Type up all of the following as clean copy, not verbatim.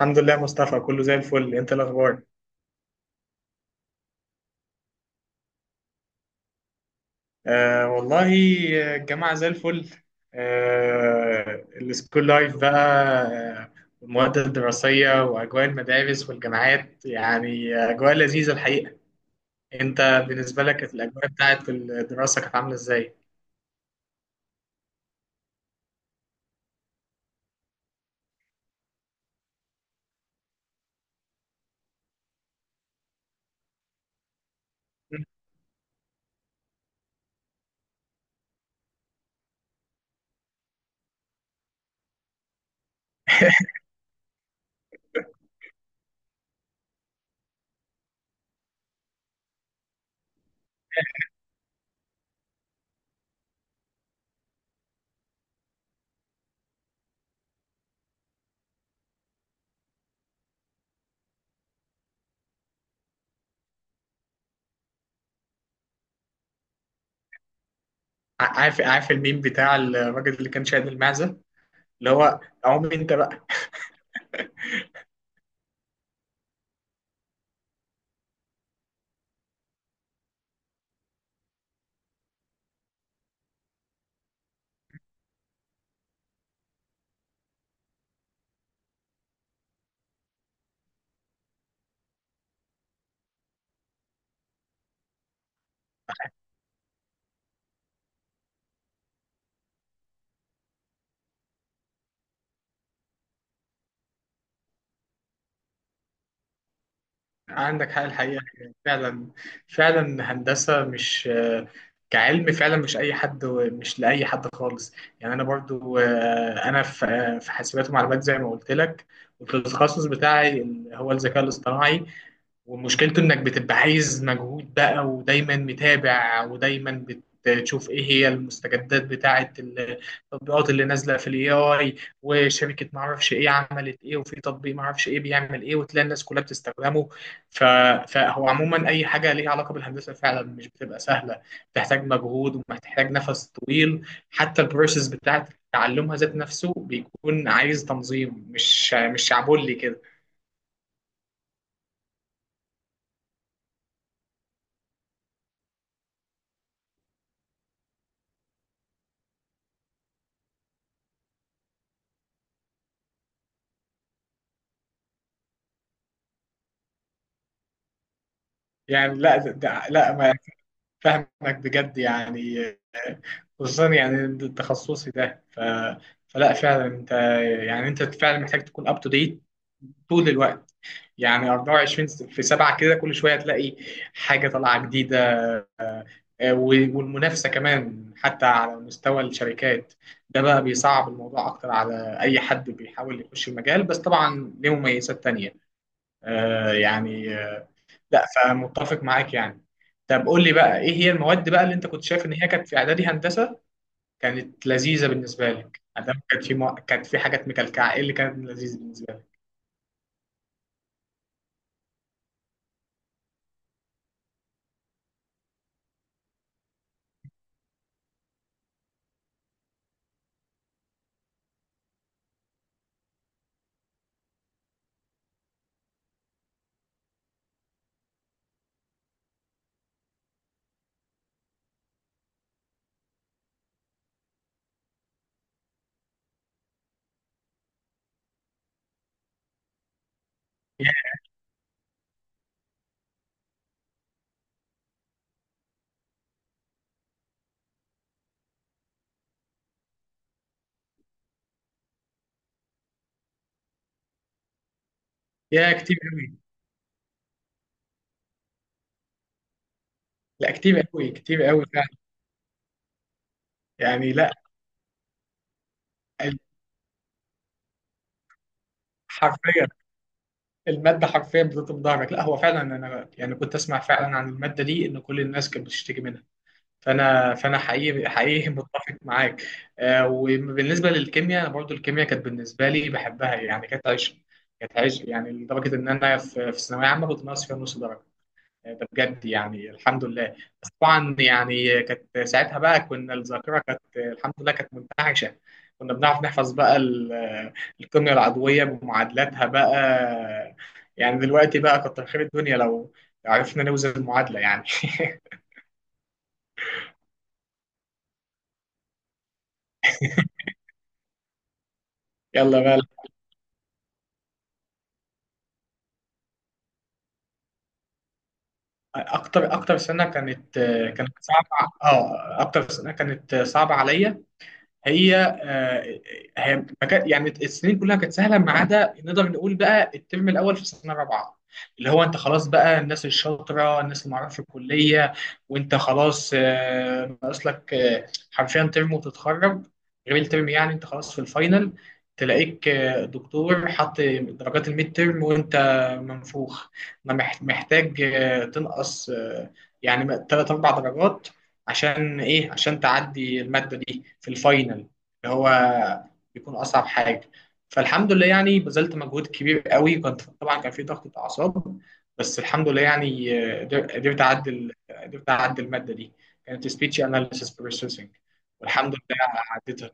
الحمد لله مصطفى، كله زي الفل. انت الاخبار؟ آه والله الجامعه زي الفل. آه السكول لايف بقى. آه، والمواد الدراسيه واجواء المدارس والجامعات يعني اجواء لذيذه الحقيقه. انت بالنسبه لك كانت الاجواء بتاعت الدراسه كانت عامله ازاي؟ م. عارف الميم بتاع الراجل اللي كان شايل المعزه، اللي هو عم انت بقى. عندك حق الحقيقة، فعلا فعلا هندسة مش كعلم فعلا، مش أي حد، مش لأي حد خالص. يعني أنا برضو أنا في في حاسبات ومعلومات زي ما قلت لك. والتخصص بتاعي هو الذكاء الاصطناعي. ومشكلته انك بتبقى عايز مجهود بقى ودايما متابع ودايما بتشوف ايه هي المستجدات بتاعه التطبيقات اللي نازله في الاي اي. وشركه ما اعرفش ايه عملت ايه، وفي تطبيق ما اعرفش ايه بيعمل ايه، وتلاقي الناس كلها بتستخدمه. ف... فهو عموما اي حاجه ليها علاقه بالهندسه فعلا مش بتبقى سهله، بتحتاج مجهود ومحتاج نفس طويل. حتى البروسيس بتاعه تعلمها ذات نفسه بيكون عايز تنظيم، مش شعبولي كده. يعني لا ده لا، فاهمك بجد يعني. خصوصا يعني تخصصي ده. فلا فعلا انت، يعني انت فعلا محتاج تكون اب تو ديت طول الوقت. يعني 24 في 7 كده كل شويه تلاقي حاجه طالعه جديده. آه، و- والمنافسه كمان حتى على مستوى الشركات ده بقى بيصعب الموضوع اكتر على اي حد بيحاول يخش المجال، بس طبعا ليه مميزات تانية. يعني لا، فمتفق معاك يعني. طب قول لي بقى ايه هي المواد بقى اللي انت كنت شايف ان هي كانت في اعدادي هندسه كانت لذيذه بالنسبه لك؟ ادام كانت في كانت في حاجات مكلكعه، ايه اللي كانت لذيذه بالنسبه لك؟ يا يا كتير قوي. لا كتير قوي، كتير قوي فعلا، يعني لا حرفيا. الماده حرفيا بتضرب ظهرك. لا هو فعلا انا يعني كنت اسمع فعلا عن الماده دي ان كل الناس كانت بتشتكي منها. فانا حقيقي حقيقي متفق معاك. وبالنسبه للكيمياء انا برضو الكيمياء كانت بالنسبه لي بحبها، يعني كانت عشق. كانت عشق يعني لدرجه ان انا في ثانويه عامه كنت ناقص فيها نص درجه. ده بجد يعني الحمد لله. بس طبعا يعني كانت ساعتها بقى كنا الذاكره كانت الحمد لله كانت منتعشه. كنا بنعرف نحفظ بقى الكيمياء العضويه بمعادلاتها بقى. يعني دلوقتي بقى كتر خير الدنيا لو عرفنا نوزن المعادله يعني يلا بقى. اكتر سنه كانت، كانت صعبه، اه اكتر سنه كانت صعبه عليا هي. آه، هي ما كان- يعني السنين كلها كانت سهله ما عدا نقدر نقول بقى الترم الاول في سنه رابعه، اللي هو انت خلاص بقى الناس الشاطره الناس اللي معرفه في الكليه. وانت خلاص ناقص لك حرفيا ترم وتتخرج. غير الترم يعني انت خلاص في الفاينل، تلاقيك دكتور حط درجات الميد ترم وانت منفوخ، ما مح- محتاج تنقص يعني ثلاث اربع درجات. عشان ايه؟ عشان تعدي المادة دي في الفاينل اللي هو بيكون اصعب حاجة. فالحمد لله يعني بذلت مجهود كبير قوي، كنت طبعا كان في ضغط اعصاب، بس الحمد لله يعني قدرت اعدي قدرت اعدي المادة دي. كانت speech analysis processing، والحمد لله عديتها.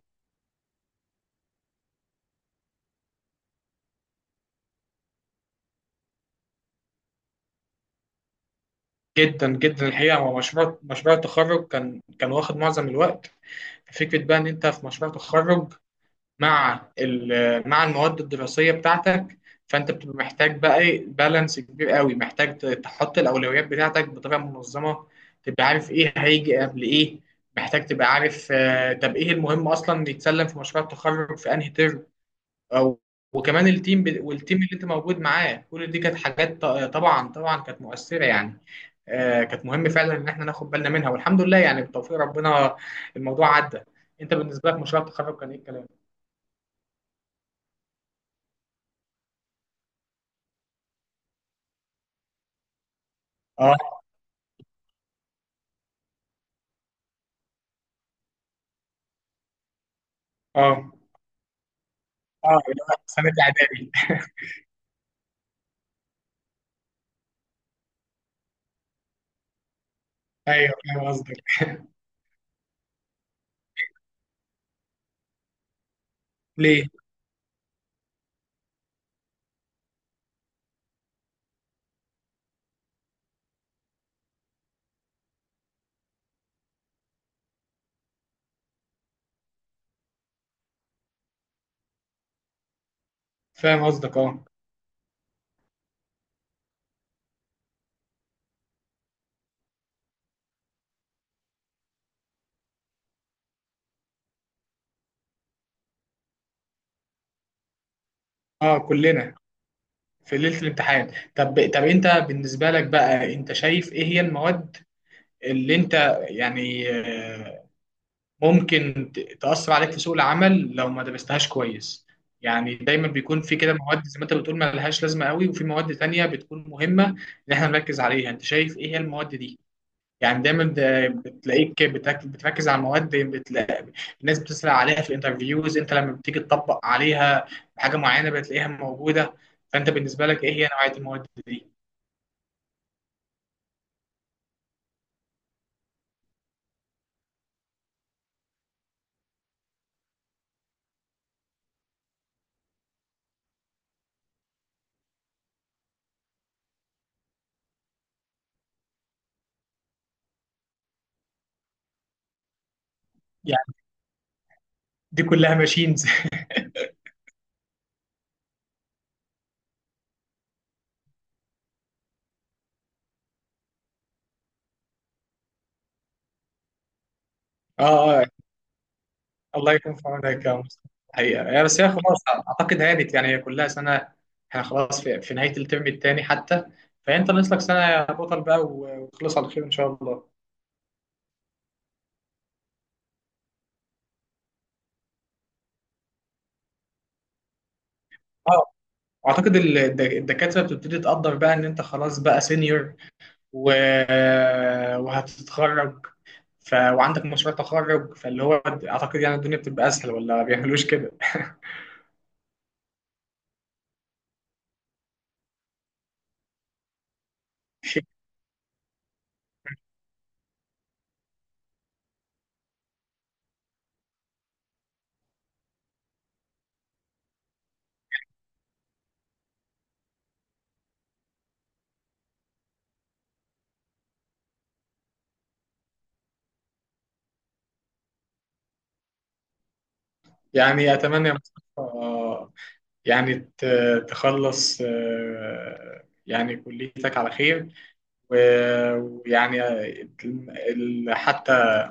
جدا جدا الحقيقة هو مشروع التخرج كان كان واخد معظم الوقت. فكرة بقى إن أنت في مشروع تخرج مع مع المواد الدراسية بتاعتك، فأنت بتبقى محتاج بقى إيه بالانس كبير قوي، محتاج تحط الأولويات بتاعتك بطريقة منظمة، تبقى عارف إيه هيجي قبل إيه. محتاج تبقى عارف طب إيه المهم أصلا يتسلم في مشروع التخرج في أنهي ترم أو. وكمان والتيم اللي أنت موجود معاه كل دي كانت حاجات طبعا طبعا كانت مؤثرة يعني. كانت مهم فعلا إن إحنا ناخد بالنا منها، والحمد لله يعني بتوفيق ربنا الموضوع عدى. أنت بالنسبة لك مشروع التخرج كان إيه الكلام؟ اه اه. اه اللي هو سنة إعدادي. أيوه فاهم قصدك. ليه؟ فاهم قصدك اه. اه كلنا في ليلة الامتحان. طب أنت بالنسبة لك بقى أنت شايف إيه هي المواد اللي أنت يعني ممكن تأثر عليك في سوق العمل لو ما درستهاش كويس؟ يعني دايما بيكون في كده مواد زي ما أنت بتقول ما لهاش لازمة قوي، وفي مواد تانية بتكون مهمة إن إحنا نركز عليها. أنت شايف إيه هي المواد دي؟ يعني دايما ده بتلاقيك بتركز على المواد بتلاقي الناس بتسأل عليها في الانترفيوز، انت لما بتيجي تطبق عليها حاجة معينة بتلاقيها موجودة. فانت بالنسبة لك ايه هي نوعية المواد دي؟ يعني دي كلها ماشينز اه اه، الله يكون في عونك يا مصطفى. حقيقة يعني بس هي خلاص اعتقد هانت، يعني هي كلها سنة. احنا خلاص في نهاية الترم الثاني حتى، فانت ناقص لك سنة يا بطل بقى وخلص على خير ان شاء الله. اه اعتقد الدكاتره بتبتدي تقدر بقى ان انت خلاص بقى سينيور و... وهتتخرج. وعندك مشروع تخرج، فاللي هو اعتقد يعني الدنيا بتبقى اسهل، ولا ما بيعملوش كده؟ يعني اتمنى يا مصطفى يعني تخلص يعني كليتك على خير و- ويعني حتى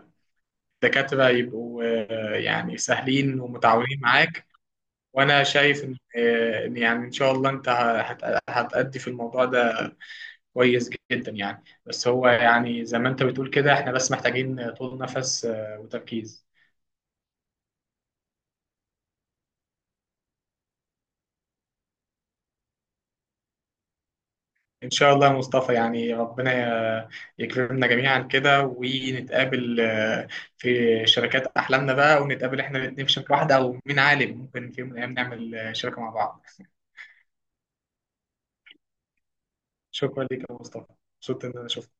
الدكاترة يبقوا يعني سهلين ومتعاونين معاك. وأنا شايف إن إن يعني إن شاء الله أنت هتأدي في الموضوع ده كويس جدا. يعني بس هو يعني زي ما انت بتقول كده احنا بس محتاجين طول نفس وتركيز. ان شاء الله يا مصطفى، يعني ربنا ي- يكرمنا جميعا كده ونتقابل في شركات احلامنا بقى، ونتقابل احنا الاثنين في شركة واحدة، او مين عالم ممكن في يوم من الايام نعمل شركة مع بعض شكرا ليك يا مصطفى، مبسوط ان انا شفتك.